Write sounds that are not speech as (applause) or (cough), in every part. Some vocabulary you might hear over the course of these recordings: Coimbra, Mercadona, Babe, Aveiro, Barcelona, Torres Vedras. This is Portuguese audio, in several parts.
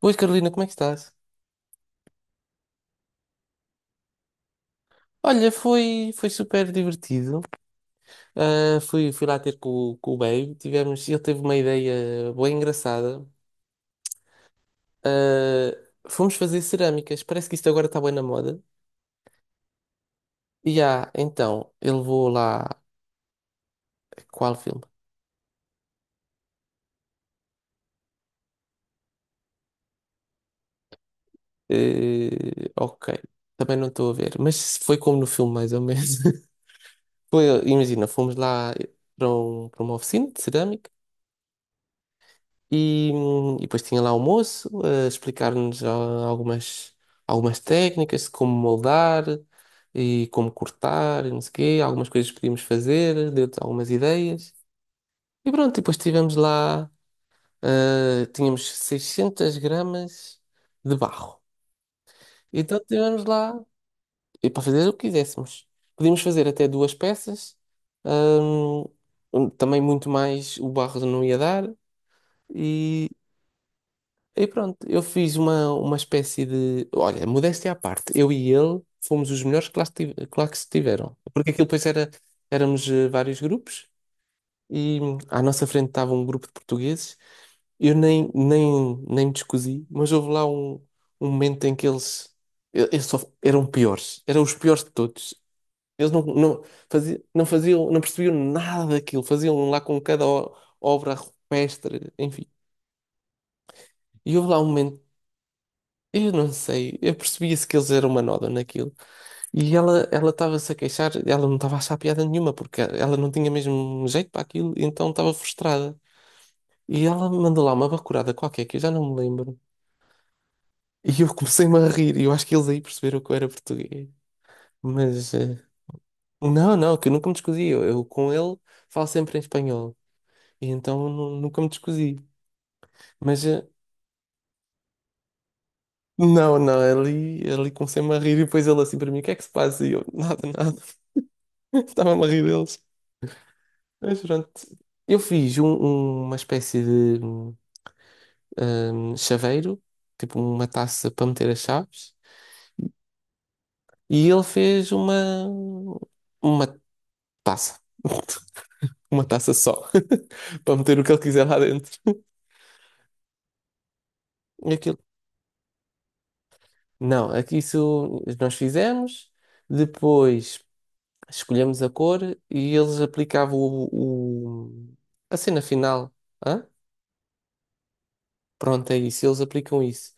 Oi Carolina, como é que estás? Olha, foi super divertido. Fui lá ter com o Babe. Ele teve uma ideia bem engraçada. Ah, Fomos fazer cerâmicas. Parece que isto agora está bem na moda. E então, ele levou lá. Qual filme? Ok, também não estou a ver. Mas foi como no filme, mais ou menos. (laughs) Foi, imagina, fomos lá para uma oficina de cerâmica. E depois tinha lá o moço a explicar-nos algumas técnicas, de como moldar e como cortar, e não sei o quê, algumas coisas que podíamos fazer, deu algumas ideias. E pronto, e depois tínhamos 600 gramas de barro. Então tivemos lá, e para fazer o que quiséssemos. Podíamos fazer até duas peças, também muito mais o barro não ia dar. e E pronto, eu fiz uma espécie de. Olha, modéstia à parte, eu e ele fomos os melhores que lá, que lá que se tiveram. Porque aquilo depois era, éramos vários grupos e à nossa frente estava um grupo de portugueses. Eu nem, nem, nem me descosi, mas houve lá um momento em que eles, eles só eram piores, eram os piores de todos. Eles não, não, faziam, não faziam, não percebiam nada daquilo, faziam lá com cada obra rupestre, enfim. E houve lá um momento. Eu não sei, eu percebia-se que eles eram uma nódoa naquilo. E ela estava-se a queixar, ela não estava a achar piada nenhuma, porque ela não tinha mesmo jeito para aquilo, então estava frustrada. E ela mandou lá uma bacurada qualquer, que eu já não me lembro. E eu comecei-me a rir, e eu acho que eles aí perceberam que eu era português. Mas, não, não, que eu nunca me descosi. Eu com ele falo sempre em espanhol, e então nunca me descosi. Mas, não, não, ali comecei-me a rir, e depois ele assim para mim: o que é que se passa? E eu: nada, nada. (laughs) Estava-me a rir deles. Mas pronto. Eu fiz uma espécie de chaveiro, tipo uma taça para meter as chaves, e ele fez uma taça. (laughs) Uma taça só, (laughs) para meter o que ele quiser lá dentro. E Aquilo. Não, aqui isso nós fizemos, depois escolhemos a cor e eles aplicavam a cena final. Hã? Pronto, é isso, eles aplicam isso.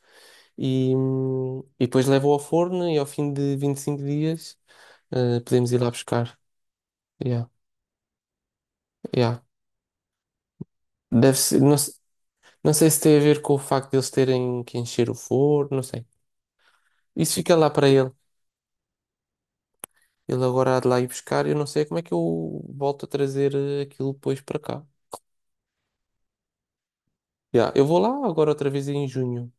E depois levo ao forno e ao fim de 25 dias podemos ir lá buscar. Yeah, yeah. Deve ser, não, não sei se tem a ver com o facto de eles terem que encher o forno, não sei. Isso fica lá para ele. Ele agora há de lá ir buscar. Eu não sei como é que eu volto a trazer aquilo depois para cá. Yeah, eu vou lá agora outra vez em junho.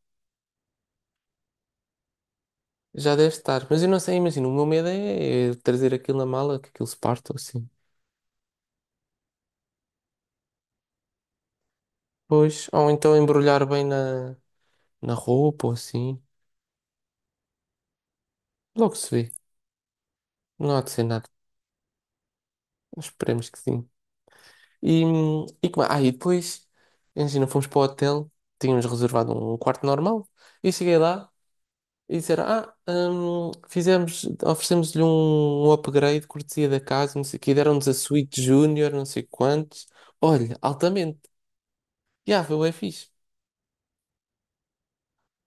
Já deve estar, mas eu não sei, imagino. O meu medo é trazer aquilo na mala, que aquilo se parte ou assim. Pois, ou então embrulhar bem na roupa ou assim. Logo se vê. Não há de ser nada. Esperemos que sim. E depois, imagina, fomos para o hotel, tínhamos reservado um quarto normal, e cheguei lá e disseram: oferecemos-lhe um upgrade, cortesia da casa, não sei o quê, deram-nos a suíte júnior, não sei quantos. Olha, altamente. Já, foi o fixe.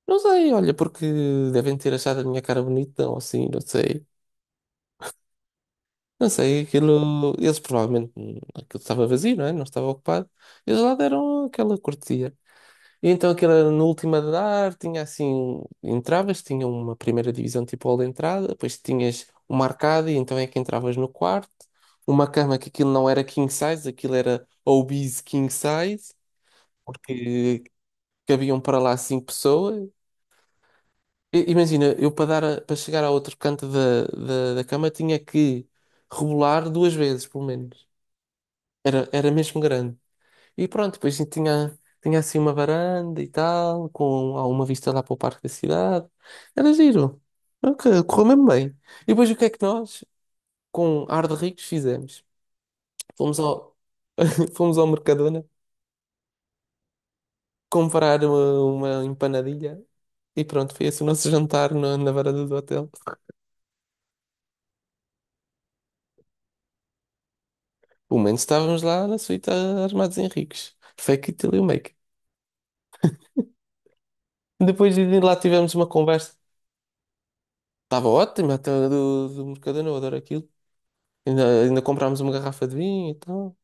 Não sei, olha, porque devem ter achado a minha cara bonita, ou assim, não sei. Não sei, aquilo. Eles provavelmente. Aquilo estava vazio, não é? Não estava ocupado. Eles lá deram aquela cortesia. E então aquilo era no último andar, tinha assim, entravas, tinha uma primeira divisão tipo hall de entrada, depois tinhas uma arcada e então é que entravas no quarto, uma cama que aquilo não era king size, aquilo era obese king size, porque cabiam para lá cinco pessoas. Imagina, eu para para chegar ao outro canto da cama tinha que rebolar duas vezes, pelo menos. Era mesmo grande. E pronto, depois a gente tinha assim uma varanda e tal, com alguma vista lá para o parque da cidade. Era giro. Ok, correu mesmo bem. E depois o que é que nós, com ar de ricos, fizemos? Fomos ao, (laughs) Fomos ao Mercadona comprar uma empanadilha e pronto, foi esse o nosso (laughs) jantar na varanda do hotel. Pelo menos estávamos lá na suíte armados em ricos. Fake it till you make it. Depois de lá tivemos uma conversa. Estava ótimo, até do Mercadona, eu adoro aquilo. Ainda comprámos uma garrafa de vinho e tal.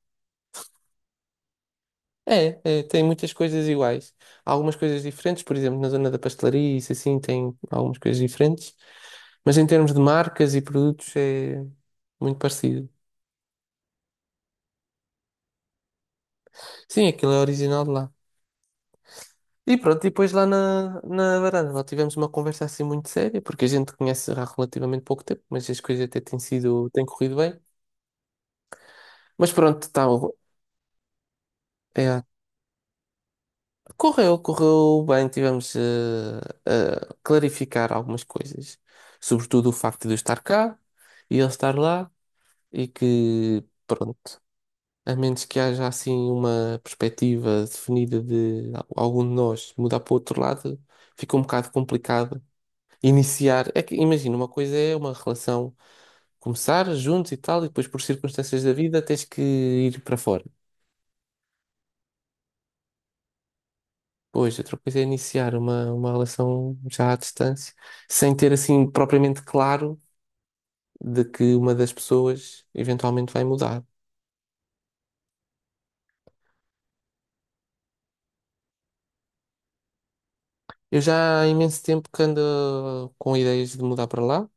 É, tem muitas coisas iguais. Há algumas coisas diferentes, por exemplo, na zona da pastelaria, isso assim, tem algumas coisas diferentes. Mas em termos de marcas e produtos é muito parecido. Sim, aquilo é original de lá. E pronto, e depois lá na varanda, lá tivemos uma conversa assim muito séria, porque a gente conhece há relativamente pouco tempo, mas as coisas até têm corrido bem. Mas pronto, tá, é. Correu, correu bem, tivemos a clarificar algumas coisas, sobretudo o facto de eu estar cá e ele estar lá, e que, pronto, a menos que haja assim uma perspectiva definida de algum de nós mudar para o outro lado, fica um bocado complicado iniciar. É que, imagina, uma coisa é uma relação começar juntos e tal, e depois por circunstâncias da vida tens que ir para fora. Pois, eu coisa é iniciar uma relação já à distância, sem ter assim propriamente claro de que uma das pessoas eventualmente vai mudar. Eu já há imenso tempo que ando com ideias de mudar para lá,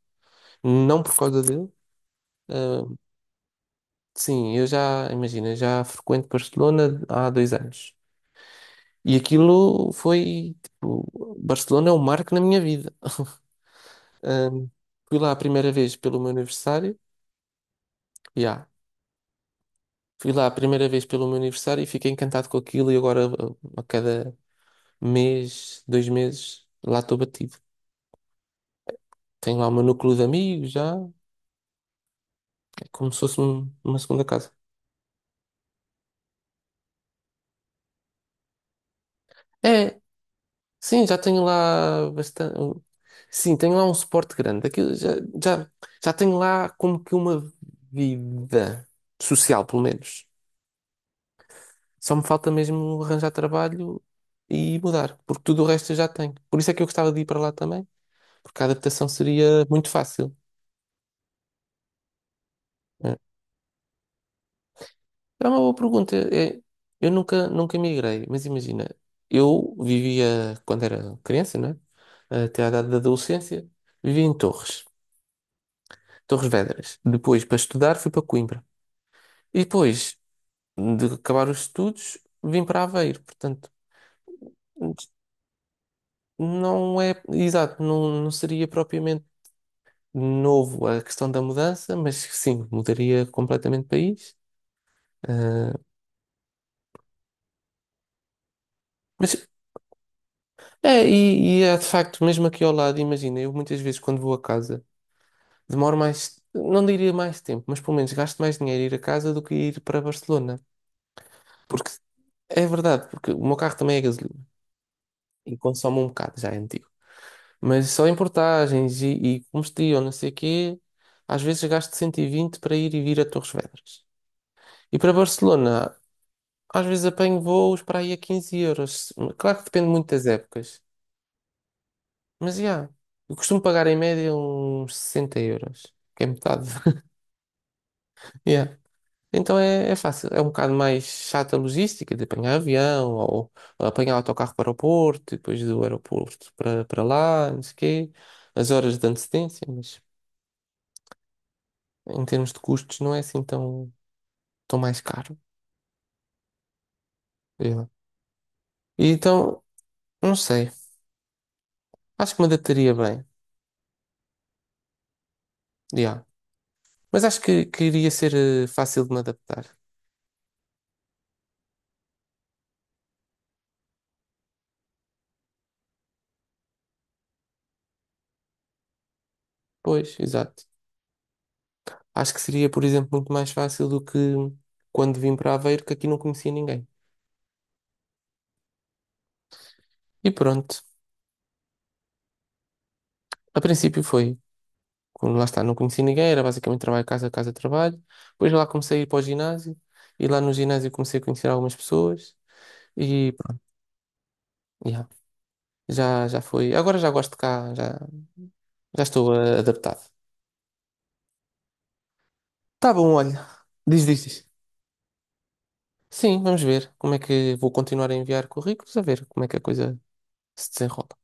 não por causa dele. Ah, sim, eu já, imagina, já frequento Barcelona há 2 anos. E aquilo foi, tipo, Barcelona é um marco na minha vida. (laughs) Ah, Fui lá a primeira vez pelo meu aniversário, já. Fui lá a primeira vez pelo meu aniversário e fiquei encantado com aquilo e agora a cada mês, 2 meses, lá estou batido. Tenho lá o meu núcleo de amigos já, é como se fosse uma segunda casa. É, sim, já tenho lá bastante. Sim, tenho lá um suporte grande. Aquilo já, já tenho lá como que uma vida social, pelo menos. Só me falta mesmo arranjar trabalho e mudar, porque tudo o resto eu já tenho. Por isso é que eu gostava de ir para lá também, porque a adaptação seria muito fácil. É. É uma boa pergunta. Eu nunca migrei, mas imagina, eu vivia, quando era criança, né? Até à idade da adolescência, vivia em Torres, Torres Vedras. Depois, para estudar, fui para Coimbra. E depois de acabar os estudos, vim para Aveiro. Portanto, não é, exato, não, não seria propriamente novo a questão da mudança, mas sim, mudaria completamente de país. Ah, mas é, e é de facto, mesmo aqui ao lado, imagina, eu muitas vezes quando vou a casa. Demoro mais, não diria mais tempo, mas pelo menos gasto mais dinheiro a ir a casa do que ir para Barcelona. Porque é verdade, porque o meu carro também é gasolina e consome um bocado, já é antigo. Mas só em portagens e combustível, não sei o quê, às vezes gasto 120 para ir e vir a Torres Vedras. E para Barcelona, às vezes apanho voos para aí a 15 euros. Claro que depende muito das épocas, mas já. Eu costumo pagar em média uns 60 euros, que é metade. (laughs) Já. Então é fácil, é um bocado mais chata a logística de apanhar avião ou, apanhar autocarro para o Porto, e depois do aeroporto para lá, não sei o quê, as horas de antecedência, mas em termos de custos não é assim tão mais caro. Yeah. E então, não sei, acho que me adaptaria bem, yeah. Mas acho que iria ser fácil de me adaptar. Pois, exato. Acho que seria, por exemplo, muito mais fácil do que quando vim para Aveiro, que aqui não conhecia ninguém. E pronto, a princípio foi. Como lá está, não conheci ninguém, era basicamente trabalho, casa, casa, trabalho. Depois lá comecei a ir para o ginásio e lá no ginásio comecei a conhecer algumas pessoas e pronto, yeah, já foi. Agora já gosto de cá, já estou adaptado. Tá bom, olha. Diz, diz, diz. Sim, vamos ver como é que vou continuar a enviar currículos, a ver como é que a coisa se desenrola.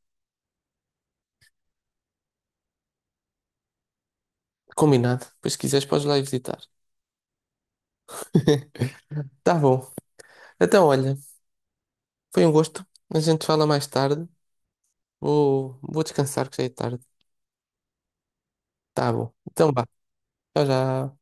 Combinado. Depois, se quiseres, podes lá ir visitar. (laughs) Tá bom. Então, olha, foi um gosto. A gente fala mais tarde. Vou descansar, que já é tarde. Tá bom. Então, vá. Tchau, já.